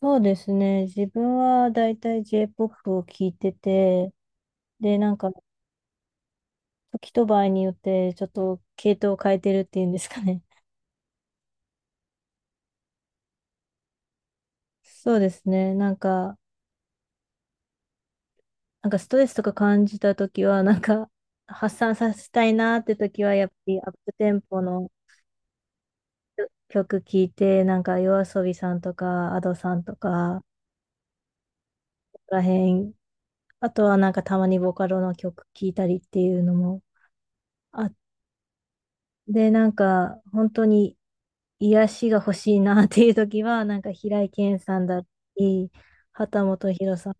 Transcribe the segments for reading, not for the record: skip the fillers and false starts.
そうですね。自分はだいたい J-POP を聴いてて、で、なんか、時と場合によって、ちょっと系統を変えてるっていうんですかね。そうですね。なんか、なんかストレスとか感じた時は、なんか、発散させたいなって時は、やっぱりアップテンポの曲聴いて、なんか、YOASOBI さんとか、a d さんとか、ここら辺、あとはなんか、たまにボカロの曲聴いたりっていうのもあって、で、なんか、本当に、癒しが欲しいなっていう時は、なんか平井堅さんだったり、秦基博さん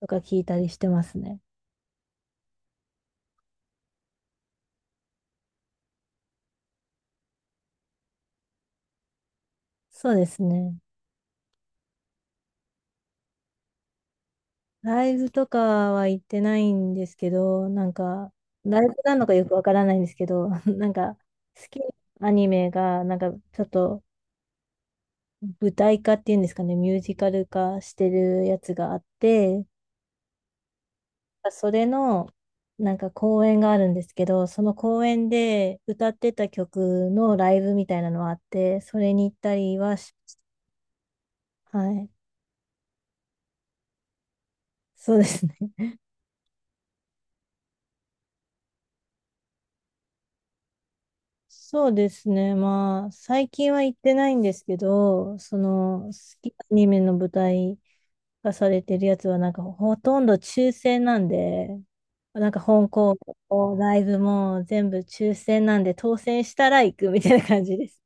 とか聞いたりしてますね。そうですね。ライブとかは行ってないんですけど、なんか、ライブなのかよくわからないんですけど、なんか、好きなアニメが、なんかちょっと舞台化っていうんですかね、ミュージカル化してるやつがあって、それの、なんか公演があるんですけど、その公演で歌ってた曲のライブみたいなのはあって、それに行ったりはしました、はい。そうですね。そうですね。まあ、最近は行ってないんですけど、その、好きなアニメの舞台化されてるやつは、なんかほとんど抽選なんで、なんか本校もライブも全部抽選なんで、当選したら行くみたいな感じです。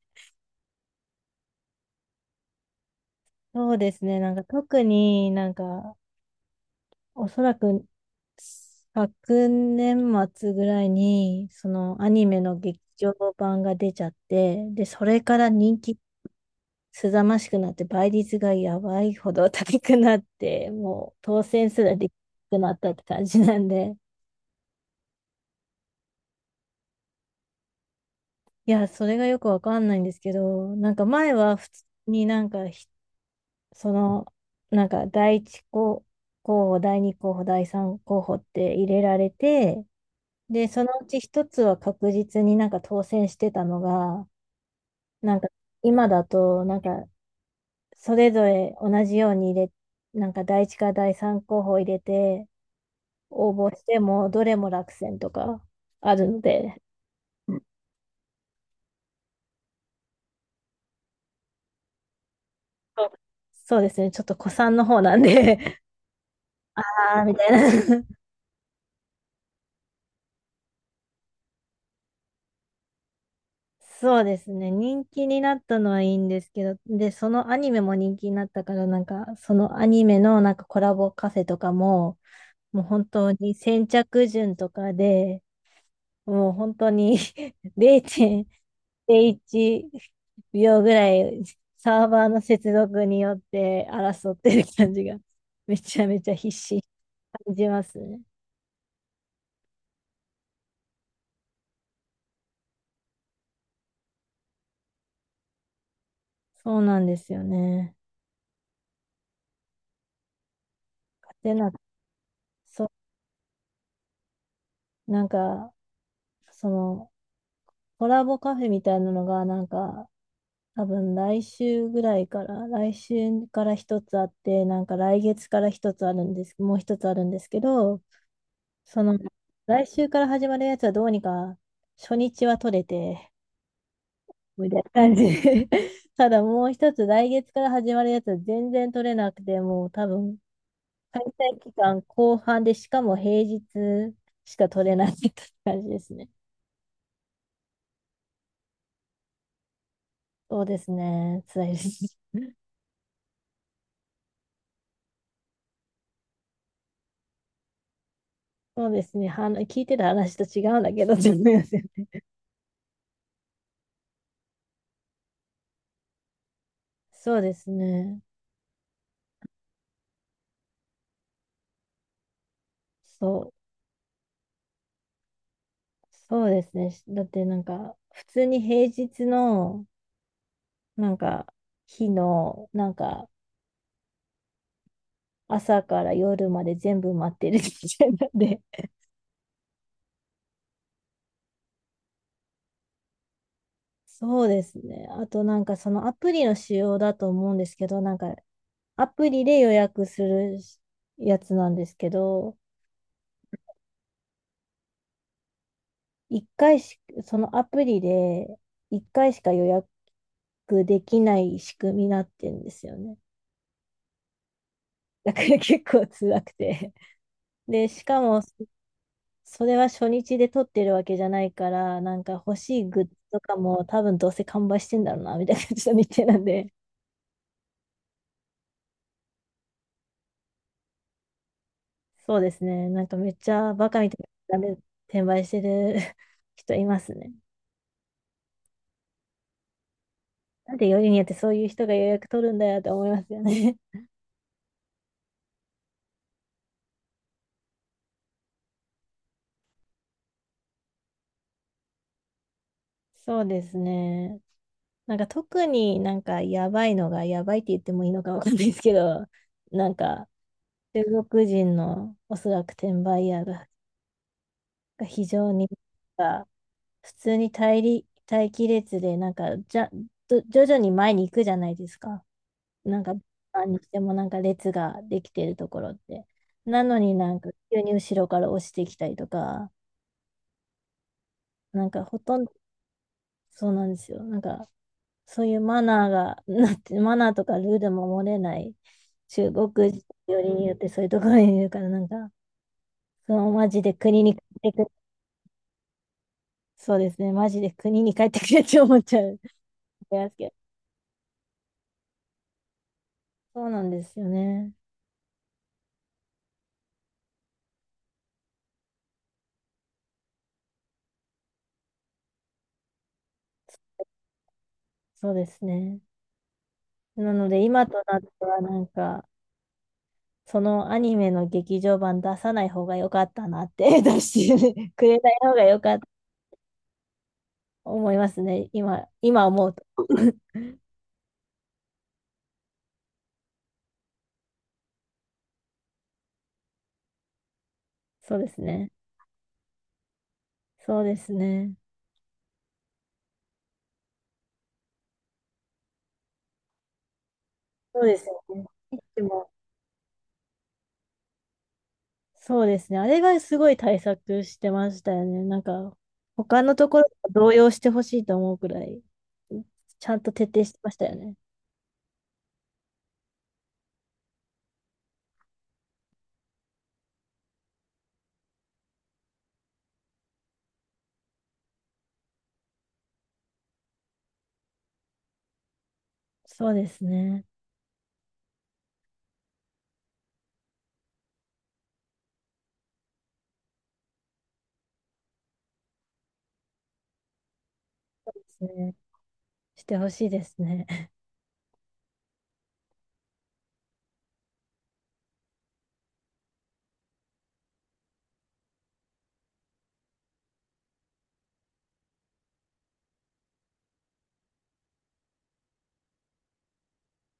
そうですね。なんか特になんかおそらく昨年末ぐらいに、そのアニメの劇場版が出ちゃって、で、それから人気すざましくなって、倍率がやばいほど高くなって、もう当選すらできなくなったって感じなんで、いや、それがよくわかんないんですけど、なんか前は普通になんかその、なんか第一候補、第二候補、第三候補って入れられて、で、そのうち一つは確実になんか当選してたのが、なんか今だと、なんかそれぞれ同じように入れ、なんか第一か第三候補入れて応募しても、どれも落選とかあるので、そうそうですね、ちょっと古参の方なんで ああ、みたいな そうですね、人気になったのはいいんですけど、で、そのアニメも人気になったから、なんかそのアニメのなんかコラボカフェとかも、もう本当に先着順とかで、もう本当に 0.01秒ぐらいサーバーの接続によって争ってる感じがめちゃめちゃ必死に感じますね。そうなんですよね。で、なんか、そう、なんか、その、コラボカフェみたいなのが、なんか、多分来週ぐらいから、来週から一つあって、なんか来月から一つあるんです、もう一つあるんですけど、その、来週から始まるやつはどうにか、初日は取れて、みたいな感じで ただもう一つ、来月から始まるやつは全然取れなくて、もう多分、開催期間後半で、しかも平日しか取れないって感じですね。そうですね。辛いです。そうですね。は聞いてた話と違うんだけど、ちょっとすみませんそうですね。そう。そうですね。だってなんか、普通に平日の、なんか、日の、なんか、朝から夜まで全部待ってるみたいなんで。そうですね。あとなんかそのアプリの仕様だと思うんですけど、なんかアプリで予約するやつなんですけど、一回し、そのアプリで一回しか予約できない仕組みになってんですよね。だから結構辛くて。で、しかもそれは初日で撮ってるわけじゃないから、なんか欲しいグッズとかも多分どうせ完売してんだろうな、みたいな感じの日程なんで。そうですね。なんかめっちゃバカみたいなダメ転売してる 人いますね。なんでよりによってそういう人が予約取るんだよって思いますよね。そうですね。なんか特になんかやばいのがやばいって言ってもいいのかわかんないですけど、なんか中国人のおそらく転売ヤーが非常になんか普通に待機列でなんかじゃ、ど徐々に前に行くじゃないですか。なんか、何にしてもなんか列ができてるところって。なのになんか急に後ろから押してきたりとか、なんかほとんどそうなんですよ。なんかそういうマナーが、なって、マナーとかルールも守れない中国人よりによってそういうところにいるから、なんか、そのマジで国に帰ってくれ、そうですね、マジで国に帰ってくれって思っちゃう。いやそうなんですよね。そうですね。なので今となってはなんか、そのアニメの劇場版出さない方が良かったなって、出してくれない方が良かった、と思いますね。今、今思うと。そうですね。そうですね。そうですよね。でも、そうですね。あれがすごい対策してましたよね。なんか、他のところと動揺してほしいと思うくらい、ちゃんと徹底してましたよね。そうですね。ねしてほしいですね。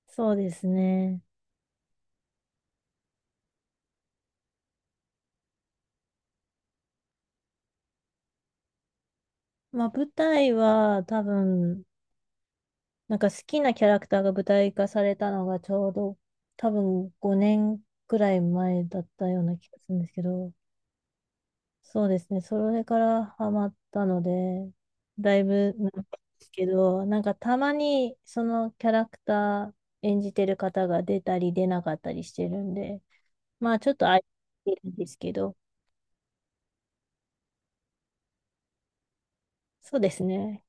そうですね。まあ、舞台は多分、なんか好きなキャラクターが舞台化されたのがちょうど多分5年くらい前だったような気がするんですけど、そうですね、それからハマったので、だいぶなんですけど、なんかたまにそのキャラクター演じてる方が出たり出なかったりしてるんで、まあちょっと空いてるんですけど、そうですね。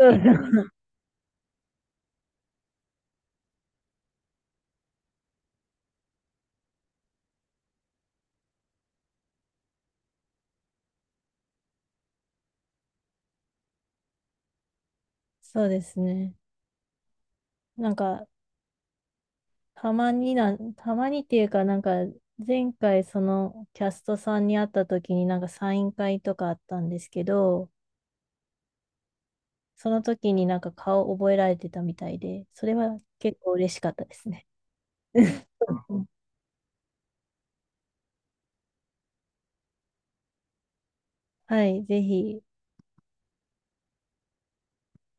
うん そうですね。なんかたまにっていうか、なんか、前回そのキャストさんに会った時になんかサイン会とかあったんですけど、その時になんか顔覚えられてたみたいで、それは結構嬉しかったですね。はい、ぜひ。